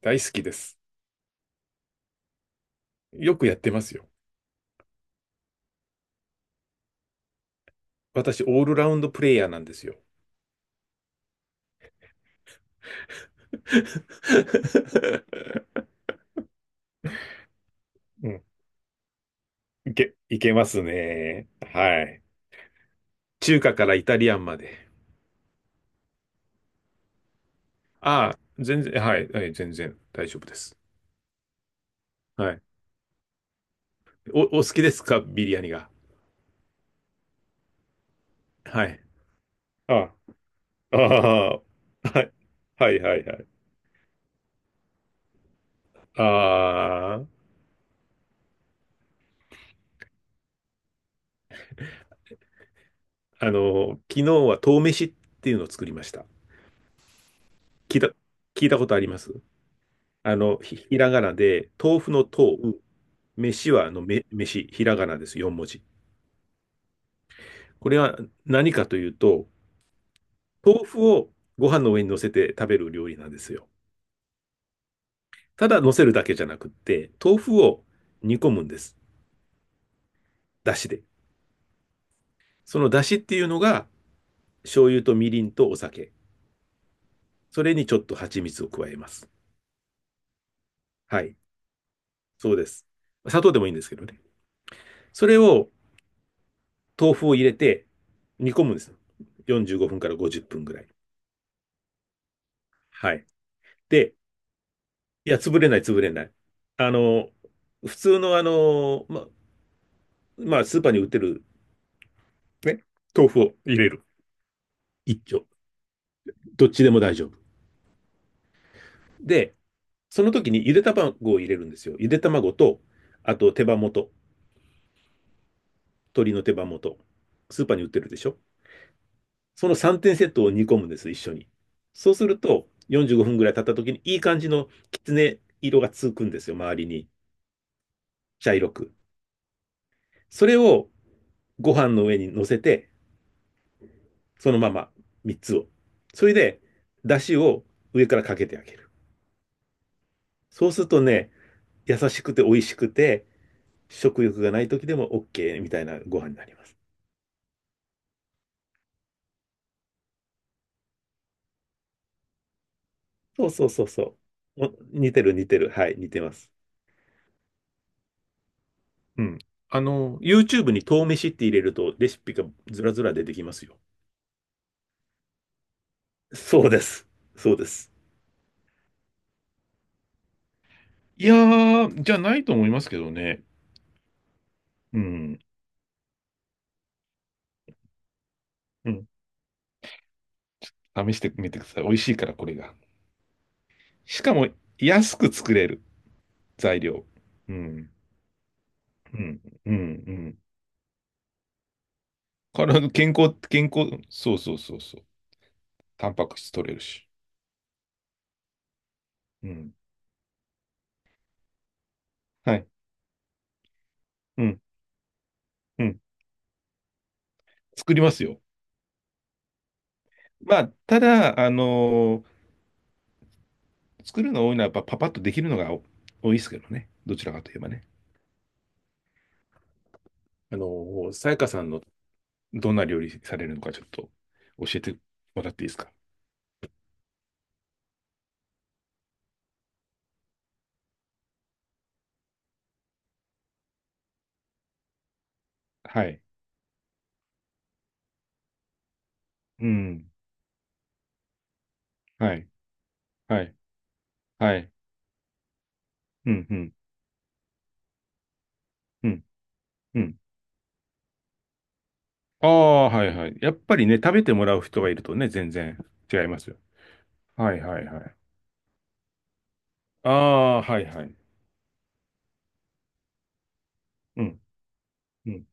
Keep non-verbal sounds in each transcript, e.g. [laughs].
大好きです。よくやってますよ。私、オールラウンドプレイヤーなんですよ。[laughs] うん、いけますね。はい。中華からイタリアンまで。ああ、全然、はい、はい、全然大丈夫です。はい。お好きですかビリヤニが？はい。ああ、ああ、はい。はい、はい、はい。ああ、昨日は豆飯っていうのを作りました。聞いた、聞いたことあります？ひらがなで、豆腐の豆、飯は、飯、ひらがなです。4文字。これは何かというと、豆腐をご飯の上に乗せて食べる料理なんですよ。ただ乗せるだけじゃなくって、豆腐を煮込むんです。だしで。そのだしっていうのが、醤油とみりんとお酒。それにちょっと蜂蜜を加えます。はい。そうです。砂糖でもいいんですけどね。それを、豆腐を入れて煮込むんです。45分から50分ぐらい。はい。で、いや、潰れない、潰れない。あの、普通のまあ、スーパーに売ってる、ね、豆腐を入れる。一丁。どっちでも大丈夫。で、その時にゆで卵を入れるんですよ。ゆで卵と、あと手羽元、鶏の手羽元。スーパーに売ってるでしょ？その3点セットを煮込むんです、一緒に。そうすると、45分ぐらい経った時にいい感じのきつね色がつくんですよ、周りに。茶色く。それをご飯の上に乗せて、そのまま3つを。それで、出汁を上からかけてあげる。そうするとね、優しくて美味しくて、食欲がない時でも OK みたいなご飯になります。そうそうそうそう。似てる似てる。はい、似てます。うん。YouTube に豆飯って入れるとレシピがずらずら出てきますよ。そうです。そうです。いやー、じゃないと思いますけどね。うん。うん。試してみてください。美味しいから、これが。しかも、安く作れる。材料。うん。うん。うん。うん。体の健康、健康、そうそうそうそう。タンパク質取れるし。うん。はい。うん。うん。作りますよ。まあ、ただ、作るの多いのはやっぱパパッとできるのが多いですけどね。どちらかといえばね。さやかさんのどんな料理されるのかちょっと教えてもらっていいですか。はい。うん。はい。はい。はい。うん。うん。うん。うん。ああ、はいはい。やっぱりね、食べてもらう人がいるとね、全然違いますよ。はいはいはい。ああ、はいはい。うん。うん。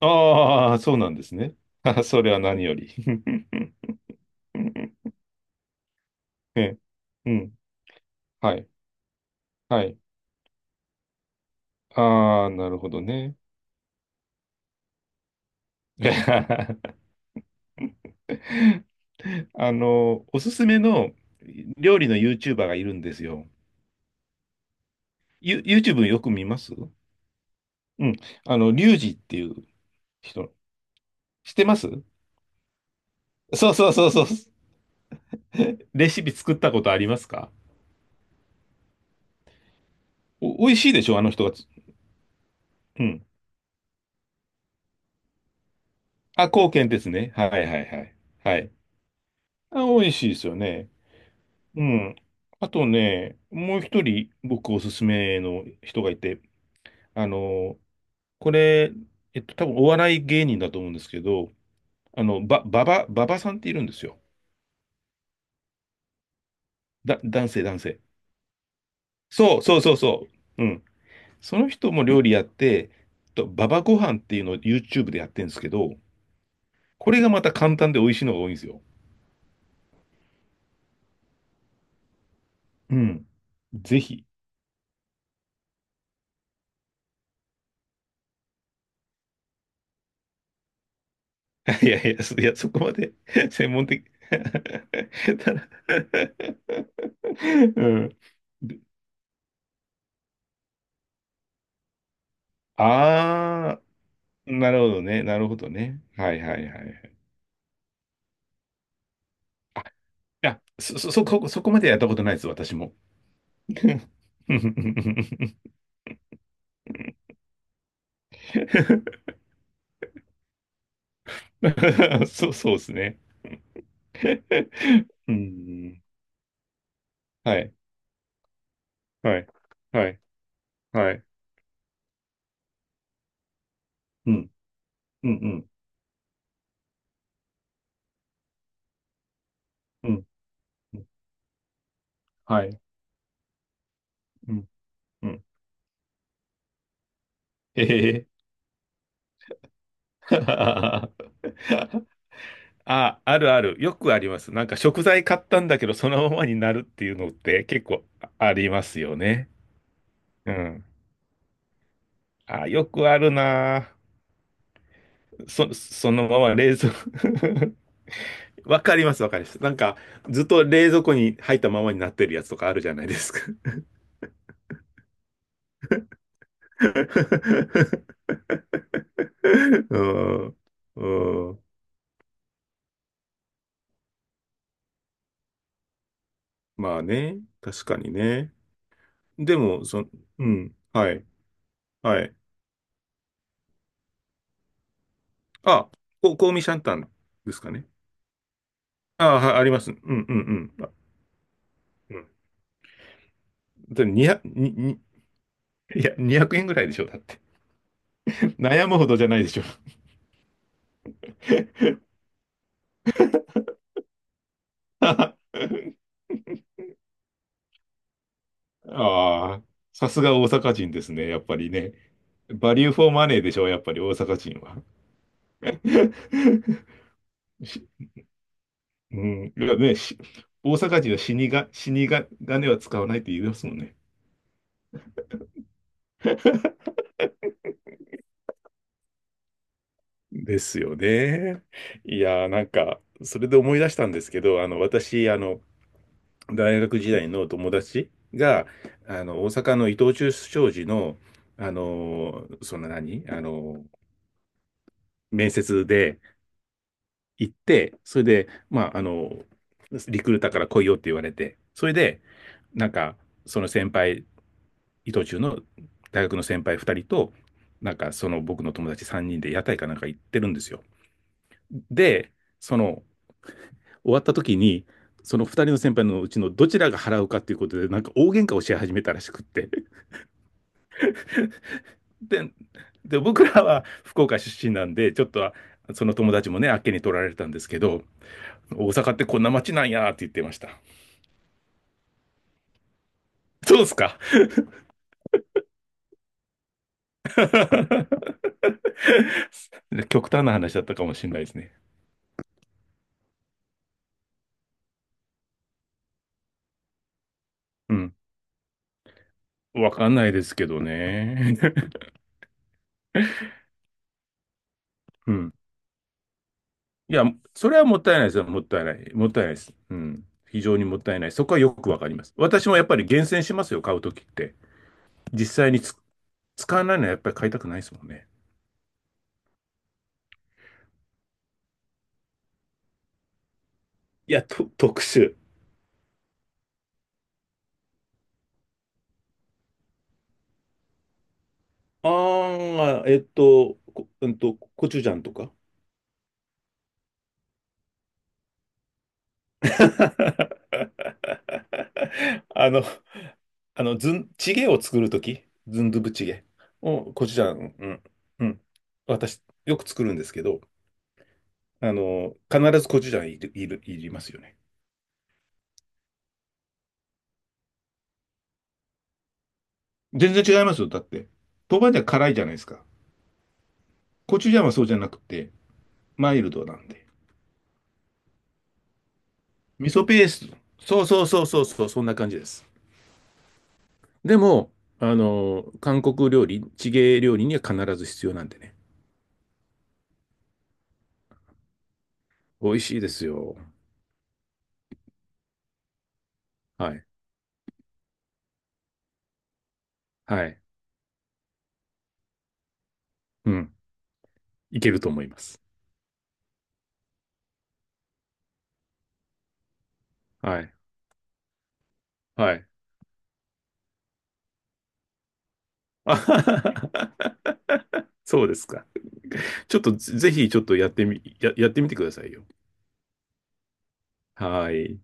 ああ、そうなんですね。[laughs] それは何より。 [laughs] ええ、うん。はい。はい。ああ、なるほどね。[laughs] おすすめの料理の YouTuber がいるんですよ。YouTube よく見ます？うん。リュウジっていう人。知ってます？そうそうそうそう。レシピ作ったことありますか？美味しいでしょ、あの人がつ。うん。あ、貢献ですね。はいはいはい。はい。あ、美味しいですよね。うん。あとね、もう一人僕おすすめの人がいて、あの、これ、えっと、多分お笑い芸人だと思うんですけど、ばばさんっているんですよ。男性、男性。そうそうそうそう。うん。その人も料理やって、ばばご飯っていうのを YouTube でやってるんですけど、これがまた簡単で美味しいのが多いんですよ。うん。ぜひ。いやいや、そこまで [laughs] 専門的 [laughs] ただ [laughs] うん。ああ、なるほどね。なるほどね。はいはいはいはい。あ、いや、そこまでやったことないです、私も。[laughs] そう、そうですね。うん。はい。はい。はい。はい。うん。うん。うん。うん。うん。はい。うん。うん。ええ [laughs]。あ、あるある。よくあります。なんか食材買ったんだけど、そのままになるっていうのって結構ありますよね。うん。あ、よくあるなぁ。そのまま冷蔵 [laughs] わかります、わかります。なんか、ずっと冷蔵庫に入ったままになってるやつとかあるじゃないですか。[laughs] うん。うん。まあね。確かにね。でも、うん。はい。はい。あ、香味シャンタンですかね。ああ、はい、あります。うんうんうん。うん。で、200に、いや、20円ぐらいでしょ、だって。[laughs] 悩むほどじゃないでしょ。ああ、さすが大阪人ですね、やっぱりね。バリューフォーマネーでしょ、やっぱり大阪人は。[laughs] しうん、いやね、大阪人は死にが、金は使わないって言いますもんね。ですよね。いやー、なんか、それで思い出したんですけど、私、大学時代の友達が、大阪の伊藤忠商事の、あの、その何あの、面接で行って、それで、まあ、リクルーターから来いよって言われて、それで、なんか、その先輩、伊藤忠の大学の先輩2人と、なんか、その僕の友達3人で屋台かなんか行ってるんですよ。で、その、終わった時に、その2人の先輩のうちのどちらが払うかっていうことで、なんか大喧嘩をし始めたらしくって。で、で、僕らは福岡出身なんで、ちょっとはその友達もね、あっけに取られたんですけど、大阪ってこんな街なんやって言ってました。そうですか。[laughs] 極端な話だったかもしれないですね。うん。わかんないですけどね。[laughs] うん。いや、それはもったいないですよ。もったいない。もったいないです。うん。非常にもったいない。そこはよくわかります。私もやっぱり厳選しますよ、買うときって。実際に使わないのはやっぱり買いたくないですもんね。いや、特殊。ああ、えっと、こ、うんと、コチュジャンとか。[laughs] あの、あの、ずん、チゲを作るとき、ズンドゥブチゲを、コチュジャン、うん、うん。私、よく作るんですけど、必ずコチュジャンいりますよね。全然違いますよ。だって、豆板醤辛いじゃないですか。コチュジャンはそうじゃなくて、マイルドなんで。味噌ペースト。そうそうそうそうそう、そんな感じです。でも、韓国料理、地芸料理には必ず必要なんでね。美味しいですよ。はい。はい。うん。いけると思います。はい。はい。[laughs] あはははは。そうですか。ちょっとぜひちょっとやってみてくださいよ。はい。